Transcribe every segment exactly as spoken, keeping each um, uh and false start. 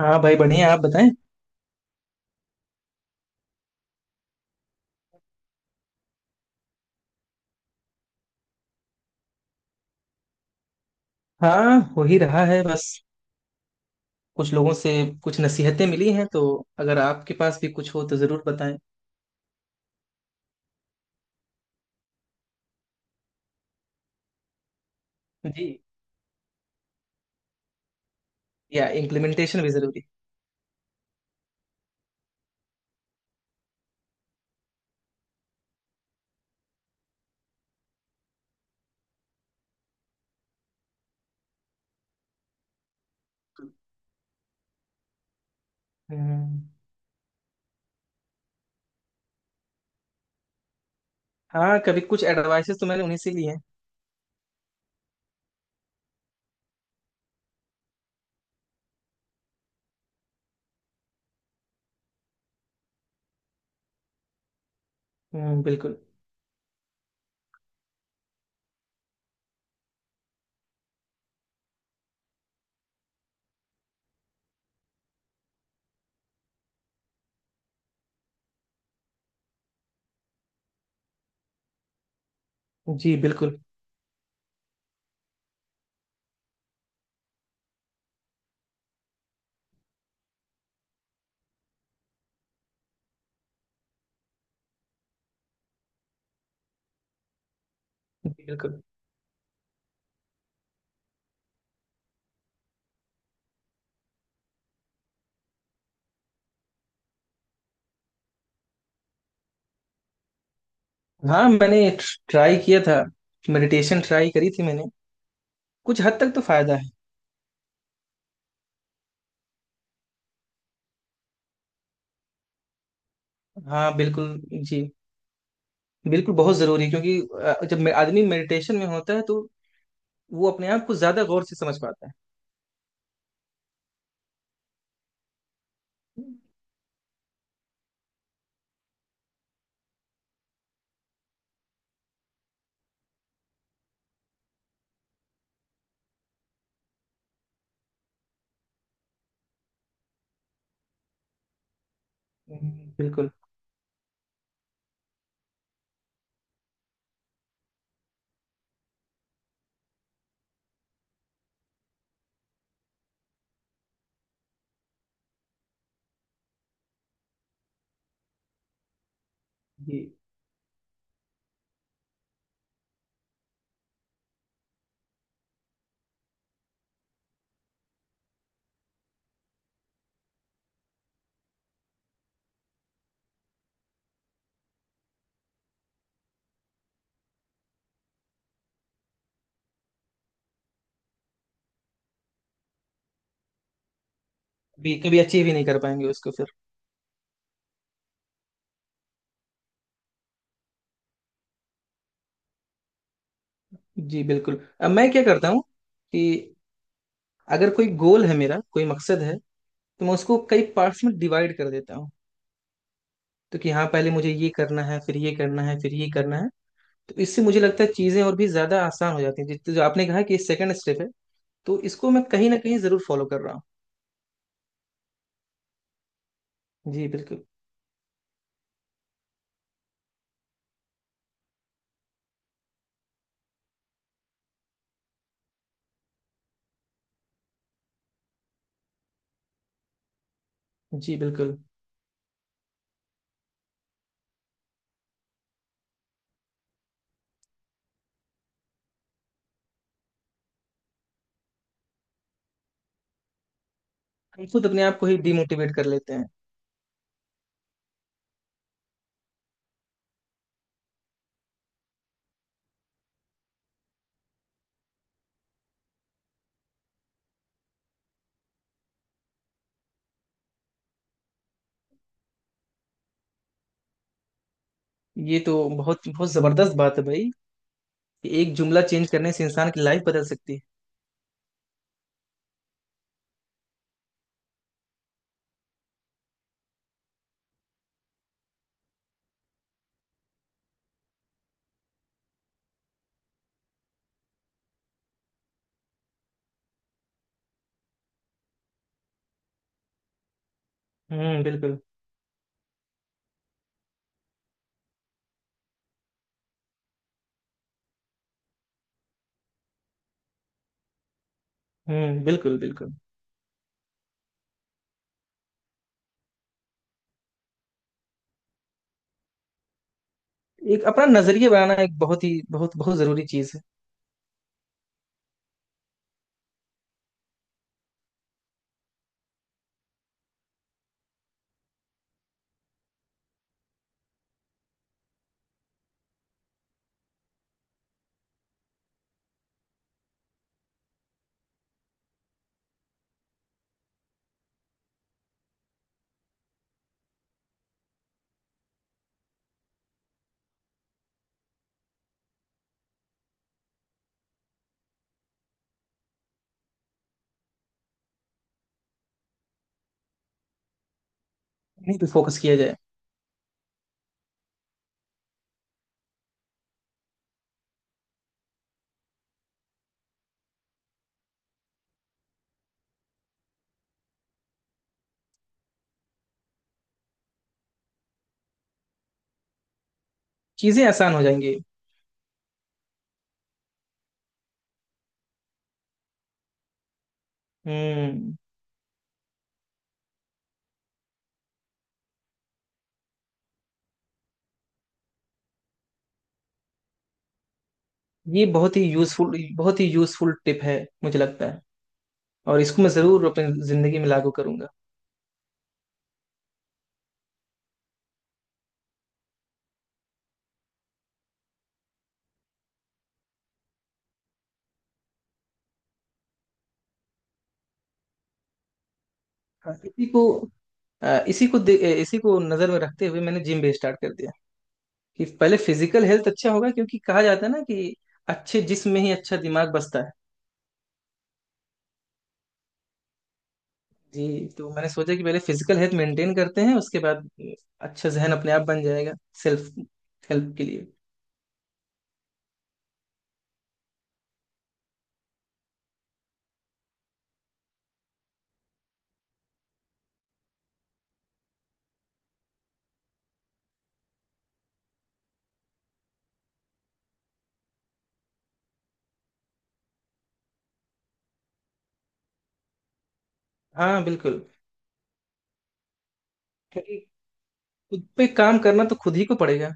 हाँ भाई, बढ़िया। आप बताएं। हाँ, हो ही रहा है। बस कुछ लोगों से कुछ नसीहतें मिली हैं, तो अगर आपके पास भी कुछ हो तो जरूर बताएं। जी। या इम्प्लीमेंटेशन भी जरूरी। हम्म। हाँ, कभी कुछ एडवाइसेस तो मैंने उन्हीं से लिए हैं। हम्म, बिल्कुल। जी बिल्कुल। जी बिल्कुल। हाँ, मैंने ट्राई किया था। मेडिटेशन ट्राई करी थी मैंने। कुछ हद तक तो फायदा है। हाँ बिल्कुल। जी बिल्कुल। बहुत जरूरी है, क्योंकि अ, जब मे- आदमी मेडिटेशन में होता है तो वो अपने आप को ज्यादा गौर से समझ पाता है। हम्म, बिल्कुल। जी भी कभी अचीव ही नहीं कर पाएंगे उसको फिर। जी बिल्कुल। अब मैं क्या करता हूँ कि अगर कोई गोल है, मेरा कोई मकसद है, तो मैं उसको कई पार्ट्स में डिवाइड कर देता हूँ। तो कि हाँ, पहले मुझे ये करना है, फिर ये करना है, फिर ये करना है। तो इससे मुझे लगता है चीजें और भी ज्यादा आसान हो जाती हैं। जित- जो आपने कहा कि सेकंड स्टेप है, तो इसको मैं कहीं ना कहीं जरूर फॉलो कर रहा हूँ। जी बिल्कुल। जी बिल्कुल। हम खुद अपने आप को ही डिमोटिवेट कर लेते हैं। ये तो बहुत बहुत जबरदस्त बात है भाई, कि एक जुमला चेंज करने से इंसान की लाइफ बदल सकती है। हम्म बिल्कुल। हम्म बिल्कुल बिल्कुल। एक अपना नजरिया बनाना एक बहुत ही, बहुत बहुत जरूरी चीज है। इन्हीं पे फोकस किया जाए। चीजें आसान हो जाएंगी। हम्म। ये बहुत ही यूजफुल, बहुत ही यूजफुल टिप है, मुझे लगता है। और इसको मैं जरूर अपनी जिंदगी में लागू करूंगा। हाँ, इसी को अ, इसी को दे- अ, इसी को नजर में रखते हुए मैंने जिम भी स्टार्ट कर दिया, कि पहले फिजिकल हेल्थ अच्छा होगा, क्योंकि कहा जाता है ना कि अच्छे जिस्म में ही अच्छा दिमाग बसता है। जी, तो मैंने सोचा कि पहले फिजिकल हेल्थ मेंटेन करते हैं, उसके बाद अच्छा जहन अपने आप बन जाएगा सेल्फ हेल्प के लिए। हाँ बिल्कुल। क्योंकि खुद पे काम करना तो खुद ही को पड़ेगा।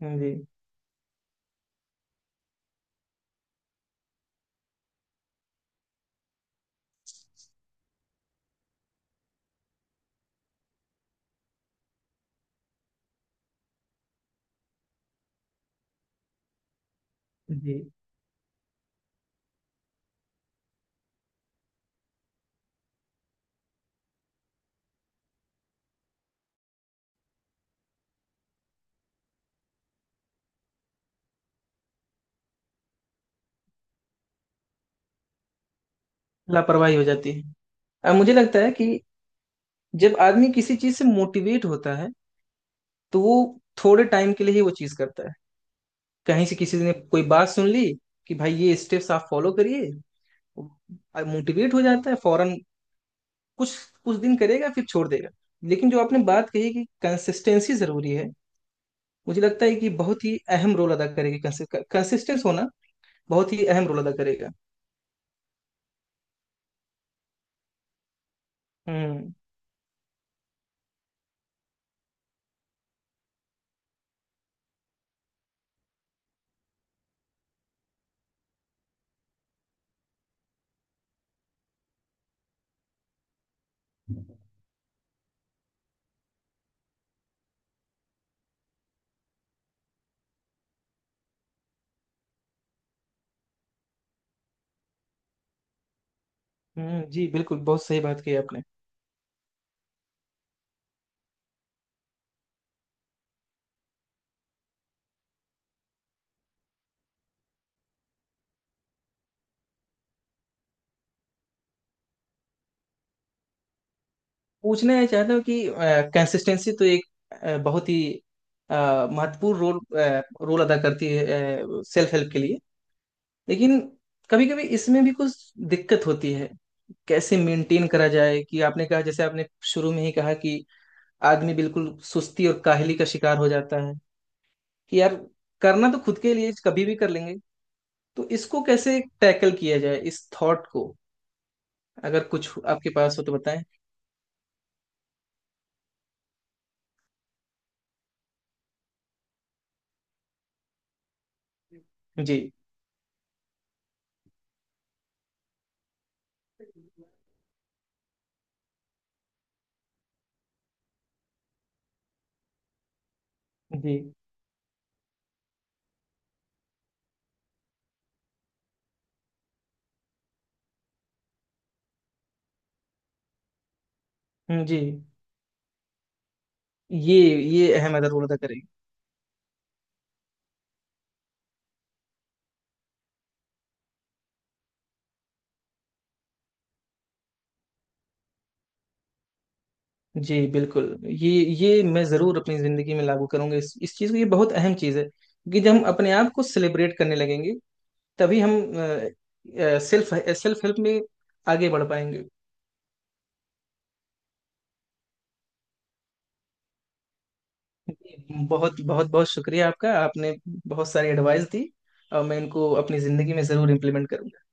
हाँ जी। जी। लापरवाही हो जाती है। अब मुझे लगता है कि जब आदमी किसी चीज से मोटिवेट होता है तो वो थोड़े टाइम के लिए ही वो चीज करता है। कहीं से किसी ने कोई बात सुन ली कि भाई, ये स्टेप्स आप फॉलो करिए। मोटिवेट हो जाता है फौरन। कुछ कुछ दिन करेगा, फिर छोड़ देगा। लेकिन जो आपने बात कही कि कंसिस्टेंसी जरूरी है, मुझे लगता है कि बहुत ही अहम रोल अदा करेगी। कंसिस्टेंस होना बहुत ही अहम रोल अदा करेगा। हम्म। हम्म, जी बिल्कुल। बहुत सही बात कही आपने। पूछना है चाहता हूँ कि कंसिस्टेंसी तो एक अ, बहुत ही अ, महत्वपूर्ण रोल अ, रोल अदा करती है सेल्फ हेल्प के लिए। लेकिन कभी कभी इसमें भी कुछ दिक्कत होती है। कैसे मेंटेन करा जाए? कि आपने कहा, जैसे आपने शुरू में ही कहा, कि आदमी बिल्कुल सुस्ती और काहली का शिकार हो जाता है। कि यार, करना तो खुद के लिए कभी भी कर लेंगे। तो इसको कैसे टैकल किया जाए, इस थॉट को? अगर कुछ आपके पास हो तो बताएं। जी। जी। हम्म, जी। ये ये अहम अदर करेगी। जी बिल्कुल, ये ये मैं जरूर अपनी जिंदगी में लागू करूंगा, इस इस चीज को। ये बहुत अहम चीज है, कि जब हम अपने आप को सेलिब्रेट करने लगेंगे, तभी हम सेल्फ सेल्फ हेल्प में आगे बढ़ पाएंगे। बहुत बहुत बहुत शुक्रिया आपका। आपने बहुत सारी एडवाइस दी, और मैं इनको अपनी जिंदगी में जरूर इम्प्लीमेंट करूंगा।